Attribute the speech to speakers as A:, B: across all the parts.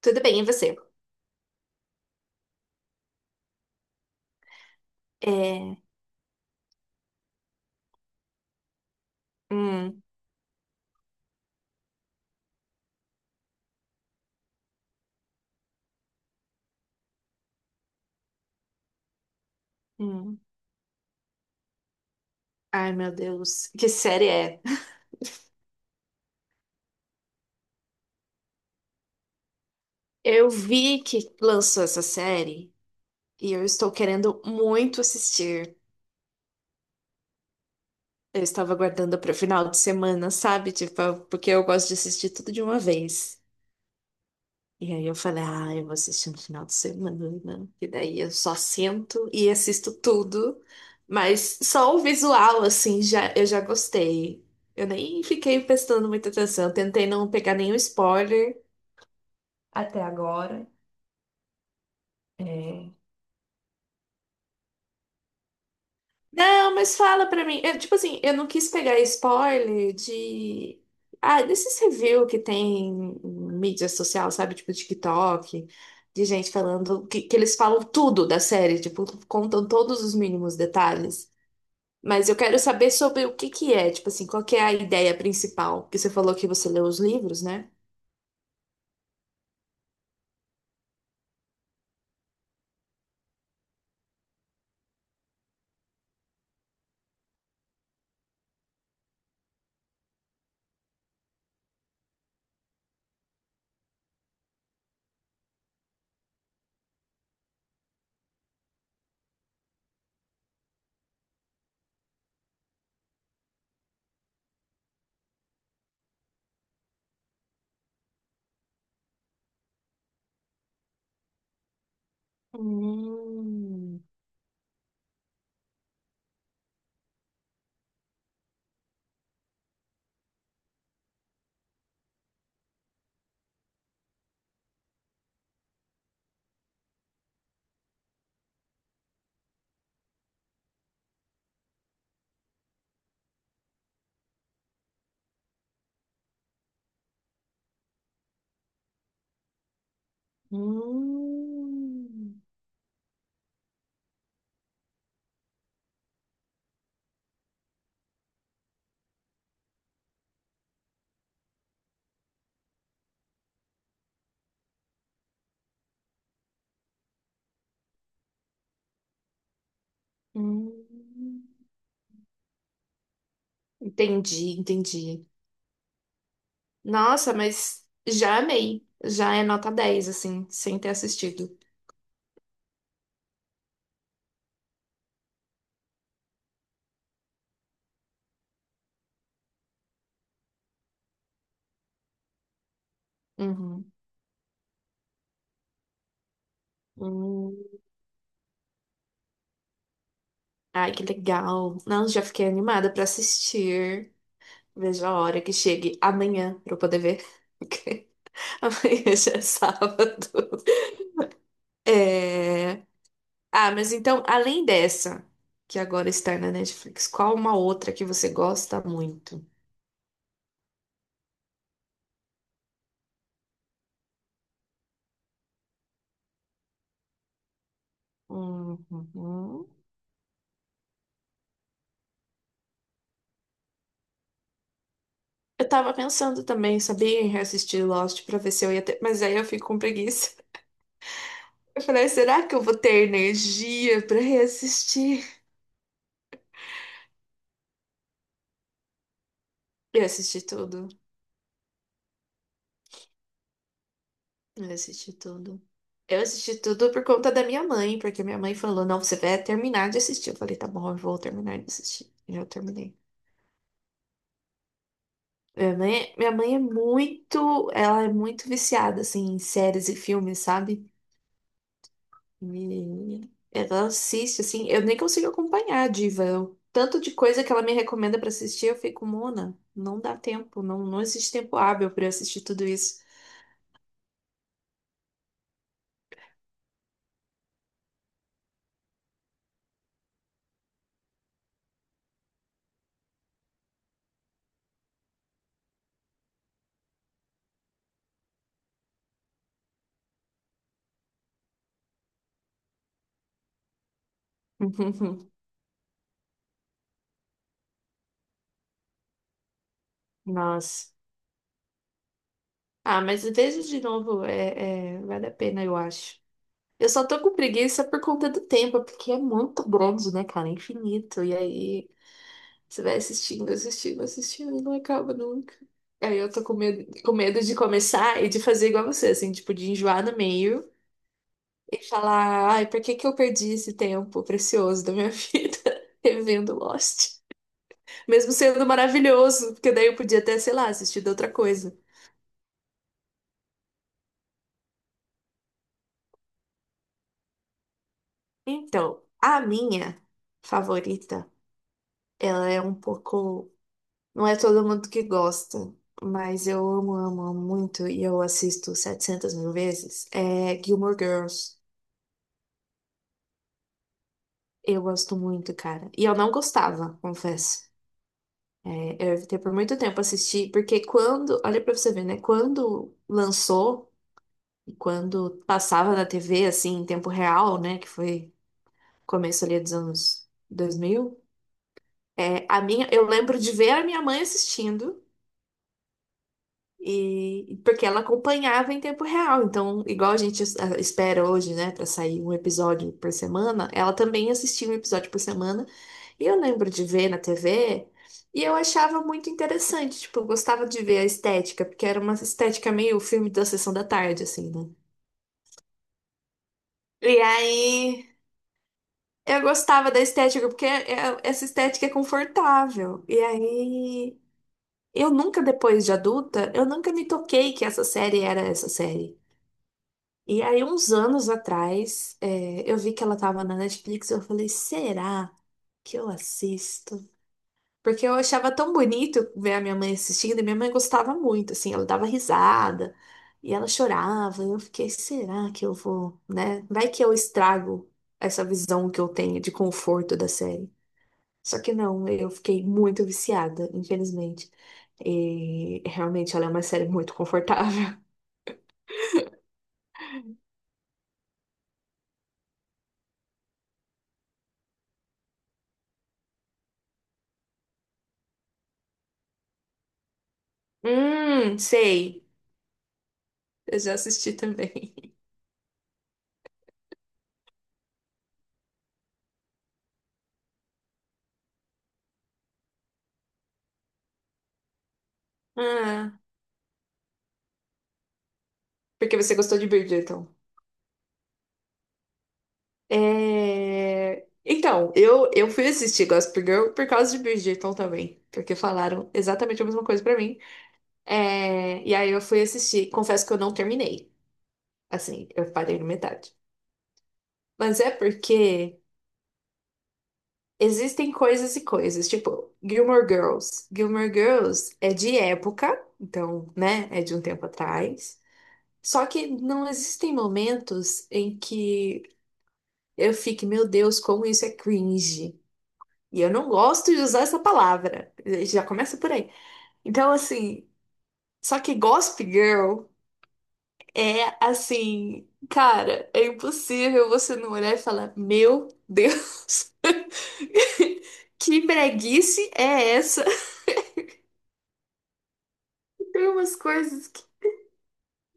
A: Tudo bem, e você? É... Hum, hum. Ai, meu Deus, que série é? Eu vi que lançou essa série e eu estou querendo muito assistir. Eu estava aguardando para o final de semana, sabe? Tipo, porque eu gosto de assistir tudo de uma vez. E aí eu falei, ah, eu vou assistir no final de semana, né? E daí eu só sento e assisto tudo. Mas só o visual, assim, já, eu já gostei. Eu nem fiquei prestando muita atenção. Eu tentei não pegar nenhum spoiler até agora. É. Não, mas fala pra mim. Eu, tipo assim, eu não quis pegar spoiler de. Ah, desses review que tem em mídia social, sabe? Tipo TikTok, de gente falando. Que eles falam tudo da série, tipo, contam todos os mínimos detalhes. Mas eu quero saber sobre o que que é, tipo assim, qual que é a ideia principal? Porque você falou que você leu os livros, né? Hum, hum, hum. Entendi, entendi. Nossa, mas já amei. Já é nota 10 assim, sem ter assistido. Uhum. Hum. Ai, que legal. Não, já fiquei animada pra assistir. Veja a hora que chegue amanhã pra eu poder ver. Amanhã já é sábado. É... Ah, mas então, além dessa, que agora está na Netflix, qual uma outra que você gosta muito? Uhum. Eu tava pensando também, sabia, em reassistir Lost pra ver se eu ia ter. Mas aí eu fico com preguiça. Eu falei, será que eu vou ter energia pra reassistir? Eu assisti tudo. Eu assisti tudo. Eu assisti tudo por conta da minha mãe, porque minha mãe falou, não, você vai terminar de assistir. Eu falei, tá bom, eu vou terminar de assistir. E eu terminei. Minha mãe é muito, ela é muito viciada, assim, em séries e filmes, sabe? E ela assiste, assim, eu nem consigo acompanhar a diva. Tanto de coisa que ela me recomenda pra assistir, eu fico, Mona, não dá tempo, não, não existe tempo hábil pra eu assistir tudo isso. Nossa. Ah, mas veja de novo, é, é, vale a pena, eu acho. Eu só tô com preguiça por conta do tempo, porque é muito grande, né, cara? É infinito. E aí você vai assistindo, assistindo, assistindo e não acaba nunca. Aí eu tô com medo de começar e de fazer igual você, assim, tipo, de enjoar no meio e falar, ai, por que que eu perdi esse tempo precioso da minha vida revendo Lost? Mesmo sendo maravilhoso, porque daí eu podia até, sei lá, assistir de outra coisa. Então, a minha favorita, ela é um pouco. Não é todo mundo que gosta, mas eu amo, amo, amo muito e eu assisto 700 mil vezes. É Gilmore Girls. Eu gosto muito, cara. E eu não gostava, confesso. É, eu evitei por muito tempo assistir, porque quando. Olha pra você ver, né? Quando lançou, e quando passava na TV, assim, em tempo real, né? Que foi começo ali dos anos 2000. É, a minha, eu lembro de ver a minha mãe assistindo e porque ela acompanhava em tempo real. Então, igual a gente espera hoje, né, para sair um episódio por semana, ela também assistia um episódio por semana. E eu lembro de ver na TV e eu achava muito interessante, tipo, eu gostava de ver a estética, porque era uma estética meio filme da sessão da tarde, assim, né? E aí eu gostava da estética, porque essa estética é confortável. E aí eu nunca, depois de adulta, eu nunca me toquei que essa série era essa série. E aí, uns anos atrás, é, eu vi que ela tava na Netflix e eu falei, será que eu assisto? Porque eu achava tão bonito ver a minha mãe assistindo e minha mãe gostava muito, assim, ela dava risada e ela chorava. E eu fiquei, será que eu vou, né? Vai que eu estrago essa visão que eu tenho de conforto da série. Só que não, eu fiquei muito viciada, infelizmente. E realmente ela é uma série muito confortável. Sei. Eu já assisti também. Ah, porque você gostou de Bridgerton. É... Então, eu fui assistir Gossip Girl por causa de Bridgerton também. Porque falaram exatamente a mesma coisa pra mim. É... E aí eu fui assistir. Confesso que eu não terminei. Assim, eu parei na metade. Mas é porque. Existem coisas e coisas, tipo Gilmore Girls. Gilmore Girls é de época, então, né, é de um tempo atrás. Só que não existem momentos em que eu fique, meu Deus, como isso é cringe. E eu não gosto de usar essa palavra. Já começa por aí. Então, assim, só que Gossip Girl é assim, cara, é impossível você não olhar e falar, meu Deus, que breguice é essa? Tem umas coisas que.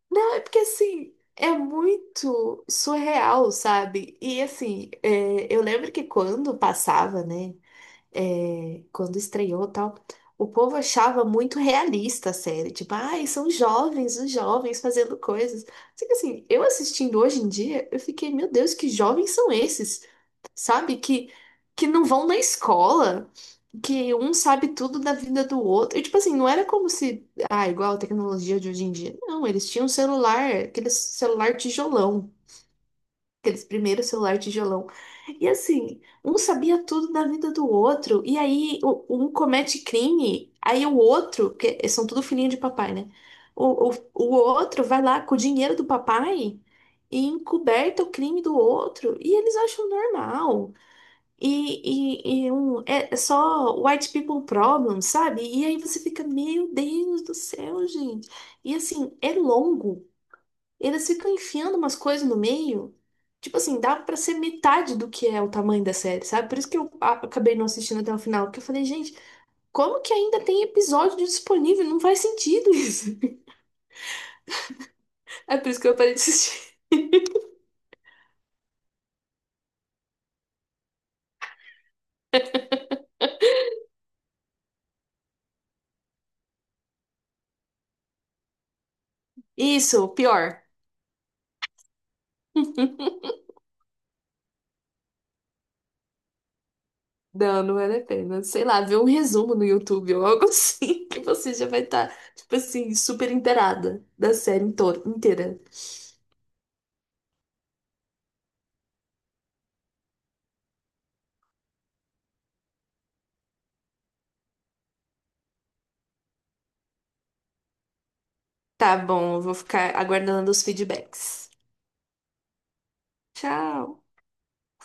A: Não, é porque assim, é muito surreal, sabe? E assim, é, eu lembro que quando passava, né? É, quando estreou e tal, o povo achava muito realista a série. Tipo, ai, são jovens, os jovens fazendo coisas. Só que assim, eu assistindo hoje em dia, eu fiquei, meu Deus, que jovens são esses? Sabe? Que não vão na escola. Que um sabe tudo da vida do outro. E, tipo assim, não era como se. Ah, igual a tecnologia de hoje em dia. Não, eles tinham um celular, aquele celular tijolão, aqueles primeiros celular tijolão. E assim, um sabia tudo da vida do outro, e aí um comete crime, aí o outro, que são tudo filhinho de papai, né? O outro vai lá com o dinheiro do papai e encoberta o crime do outro, e eles acham normal. E um, é só white people problem, sabe? E aí você fica, meu Deus do céu, gente. E assim, é longo. Eles ficam enfiando umas coisas no meio. Tipo assim, dava pra ser metade do que é o tamanho da série, sabe? Por isso que eu acabei não assistindo até o final, porque eu falei, gente, como que ainda tem episódio disponível? Não faz sentido isso. É por isso que eu parei de assistir. Isso, pior. Não, não vale a pena. Sei lá, ver um resumo no YouTube ou algo assim, que você já vai estar, tipo assim, super inteirada da série inteira. Tá bom, eu vou ficar aguardando os feedbacks. Tchau.